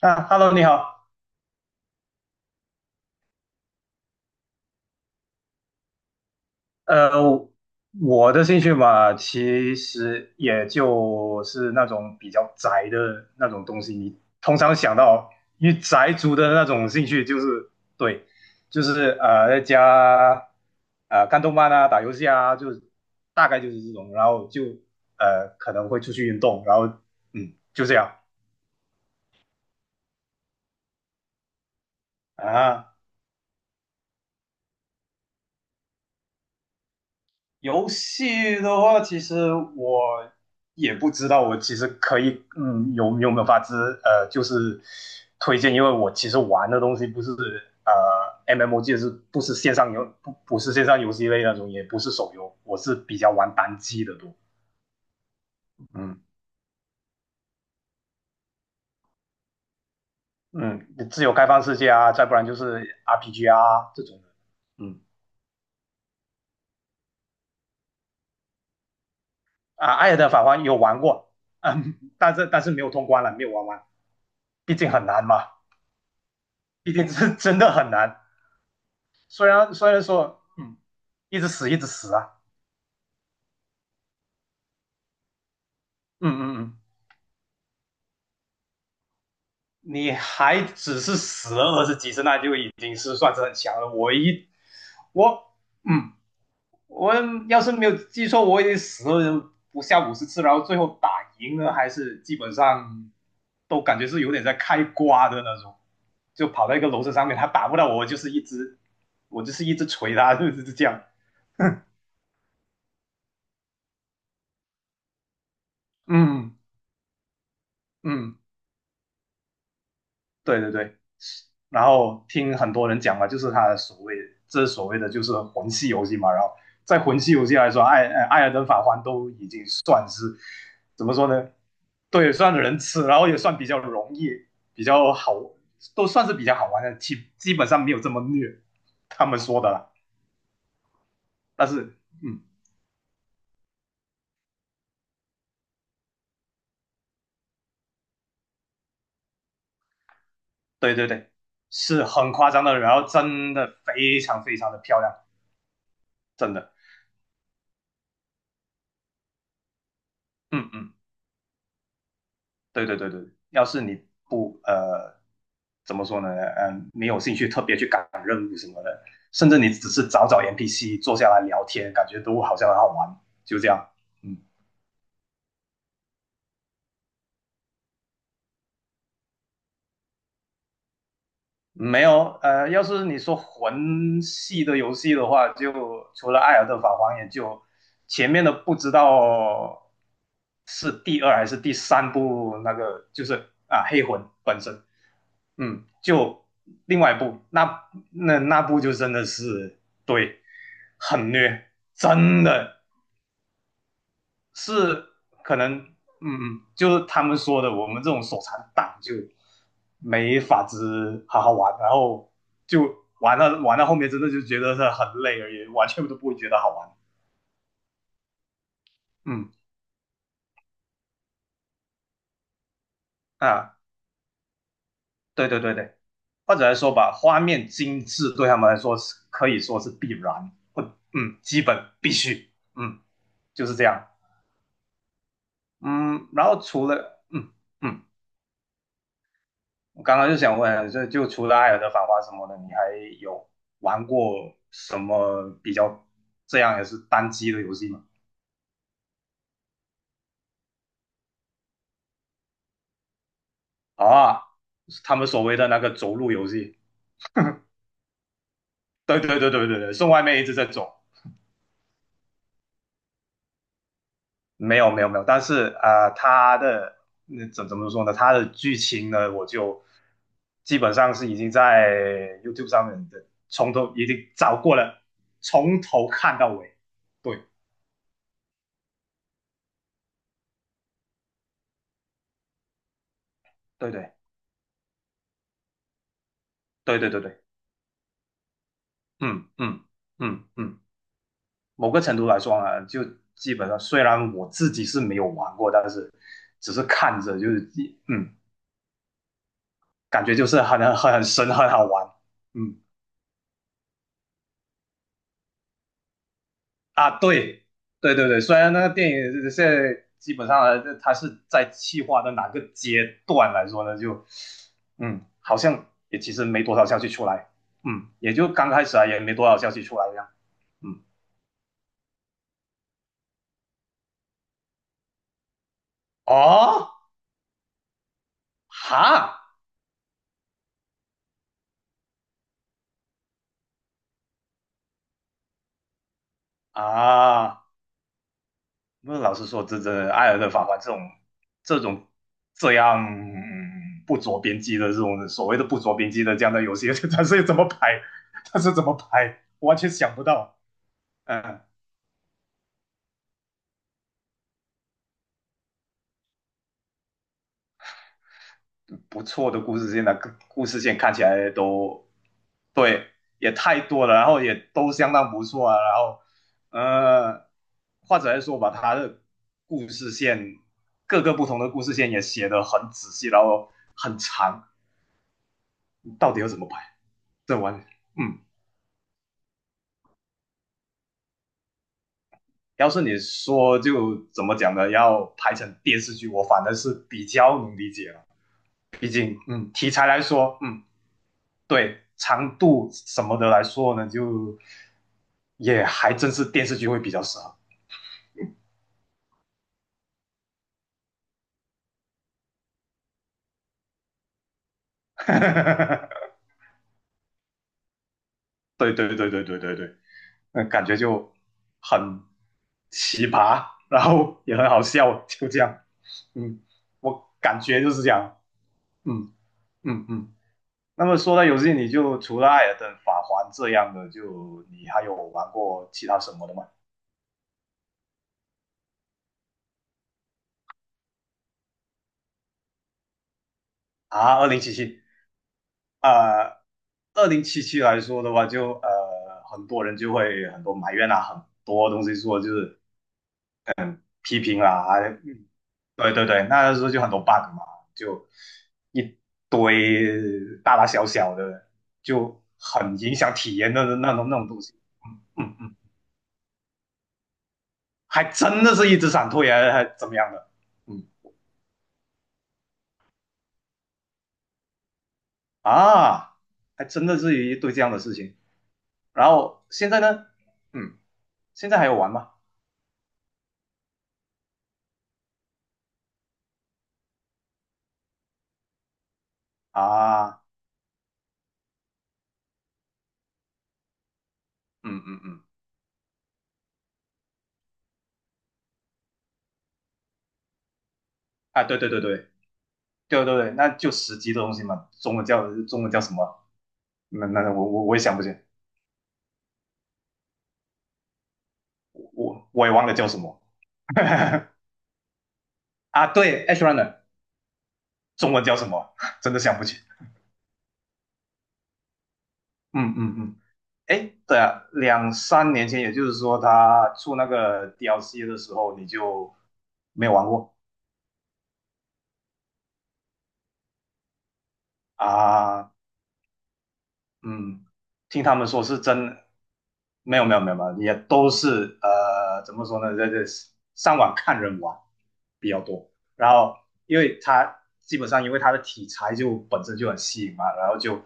啊，Hello，你好。呃，我的兴趣嘛，其实也就是那种比较宅的那种东西。你通常想到与宅族的那种兴趣，就是对，就是在家看动漫啊，打游戏啊，就是大概就是这种。然后就可能会出去运动，然后嗯，就这样啊。游戏的话，其实我也不知道，我其实可以，嗯，有没有法子，就是推荐，因为我其实玩的东西不是呃 MMOG，是不是线上游，不是线上游戏类那种，也不是手游，我是比较玩单机的多，嗯嗯，自由开放世界啊，再不然就是 RPG 啊这种的，嗯啊，艾尔登法环有玩过，嗯，但是没有通关了，没有玩完，毕竟很难嘛，毕竟是真的很难。虽然说，嗯，一直死一直死啊，嗯嗯嗯，你还只是死了20几次，那就已经是算是很强了。我一我嗯，我要是没有记错，我已经死了不下50次，然后最后打赢了，还是基本上都感觉是有点在开挂的那种，就跑到一个楼层上面，他打不到我，就是一直我就是一直捶他，就是这样。嗯嗯。对对对，然后听很多人讲嘛，就是他的所谓这所谓的就是魂系游戏嘛，然后在魂系游戏来说，艾尔登法环都已经算是怎么说呢？对，算人吃，然后也算比较容易，比较好，都算是比较好玩的，基本上没有这么虐，他们说的啦。但是，嗯，对对对，是很夸张的，然后真的非常非常的漂亮，真的，嗯嗯。对对对对，要是你不呃怎么说呢？嗯，没有兴趣特别去赶任务什么的，甚至你只是找找 NPC 坐下来聊天，感觉都好像很好玩，就这样。嗯，没有要是你说魂系的游戏的话，就除了《艾尔登法环》，也就前面的不知道是第二还是第三部那个，就是啊黑魂本身，嗯，就另外一部，那部就真的是对，很虐，真的是可能，嗯，就是他们说的，我们这种手残党就没法子好好玩，然后就玩到后面，真的就觉得是很累而已，完全都不会觉得好玩。嗯啊，对对对对，或者来说吧，画面精致对他们来说是可以说是必然，或嗯，基本必须，嗯，就是这样。嗯，然后除了嗯，我刚刚就想问，就除了《艾尔的繁华什么的，你还有玩过什么比较这样也是单机的游戏吗？啊，他们所谓的那个走路游戏，对对对对对对，送外卖一直在走，没有没有没有，但是啊，他的那怎么说呢？他的剧情呢，我就基本上是已经在 YouTube 上面的从头已经找过了，从头看到尾，对对对。对对对对，嗯嗯嗯嗯，某个程度来说呢，就基本上虽然我自己是没有玩过，但是只是看着就是嗯，感觉就是很神，很好玩。嗯啊，对对对对，虽然那个电影现在基本上呢，它是在企划的哪个阶段来说呢，就嗯，好像也其实没多少消息出来，嗯，也就刚开始啊，也没多少消息出来这样。嗯，哦，哈啊。不是，老实说，这艾尔的法官这种这样、不着边际的这种所谓的不着边际的这样的游戏，他是怎么拍？他是怎么拍？我完全想不到。嗯，不错的故事线的故事线看起来都对，也太多了，然后也都相当不错啊。然后，呃，或者来说吧，他的故事线各个不同的故事线也写得很仔细，然后很长，到底要怎么拍？这完，嗯，要是你说就怎么讲呢？要拍成电视剧，我反正是比较能理解了。毕竟，嗯，题材来说，嗯，对，长度什么的来说呢，就也还真是电视剧会比较适合。对对对对对对对，嗯，感觉就很奇葩，然后也很好笑，就这样。嗯，我感觉就是这样。嗯嗯嗯。那么说到游戏，你就除了《艾尔登法环》这样的，就你还有玩过其他什么的吗？啊，二零七七啊，二零七七来说的话就，很多人就会很多埋怨啊，很多东西说就是批评啊，还嗯对对对，那时候就很多 bug 嘛，就一堆大大小小的，就很影响体验的那种东西。嗯嗯，还真的是一直闪退啊，还怎么样的？嗯。啊，还真的是一堆这样的事情。然后现在呢，嗯，现在还有玩吗？啊，嗯嗯嗯，啊，对对对对对对对，那就十级的东西嘛，中文叫什么？那那那我我也想不起，我也忘了叫什么 啊。对，H runner 中文叫什么？真的想不起。嗯嗯嗯，哎，对啊，两三年前，也就是说他出那个 DLC 的时候，你就没有玩过啊？嗯，听他们说是真，没有没有没有没有，也都是怎么说呢，在这上网看人玩比较多。然后因为他基本上因为他的题材就本身就很吸引嘛，然后就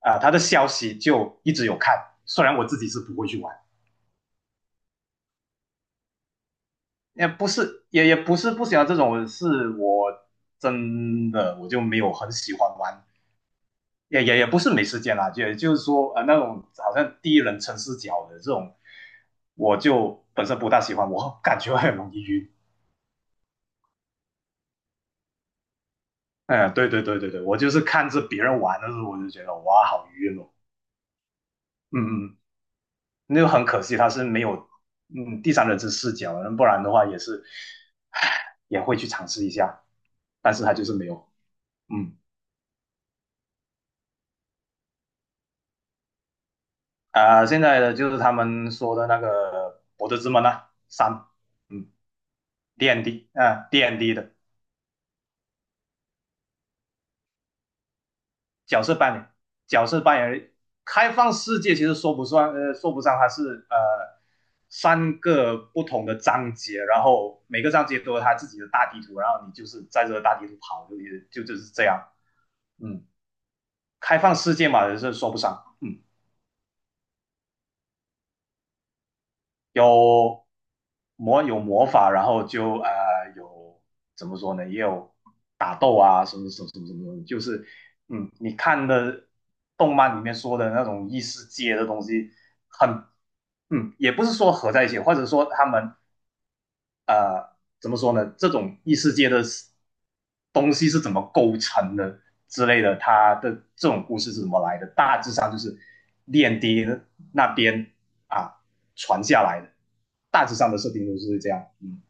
啊、他的消息就一直有看，虽然我自己是不会去玩，也不是也也不是不喜欢这种，是我真的我就没有很喜欢玩也不是没时间啦，也就是说那种好像第一人称视角的这种，我就本身不大喜欢，我感觉很容易晕。嗯，对对对对对，我就是看着别人玩的时候，我就觉得哇好晕哦。嗯嗯，那就很可惜，他是没有第三人称视角，不然的话也是，唉也会去尝试一下，但是他就是没有。嗯啊、现在的就是他们说的那个《博德之门》啊，三，嗯，D N D 啊，D N D 的。角色扮演，角色扮演开放世界其实说不算，说不上它是3个不同的章节，然后每个章节都有它自己的大地图，然后你就是在这个大地图跑，就是这样。嗯，开放世界嘛，也是说不上。嗯。有有魔法，然后就有怎么说呢，也有打斗啊，什么什么什么什么就是嗯，你看的动漫里面说的那种异世界的东西很，嗯，也不是说合在一起，或者说他们怎么说呢？这种异世界的东西是怎么构成的之类的，它的这种故事是怎么来的？大致上就是炼帝那边啊传下来的，大致上的设定都是这样。嗯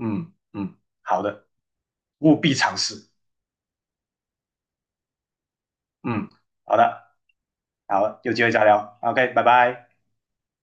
嗯嗯，好的，务必尝试。嗯，好的，好，有机会再聊。OK，拜拜。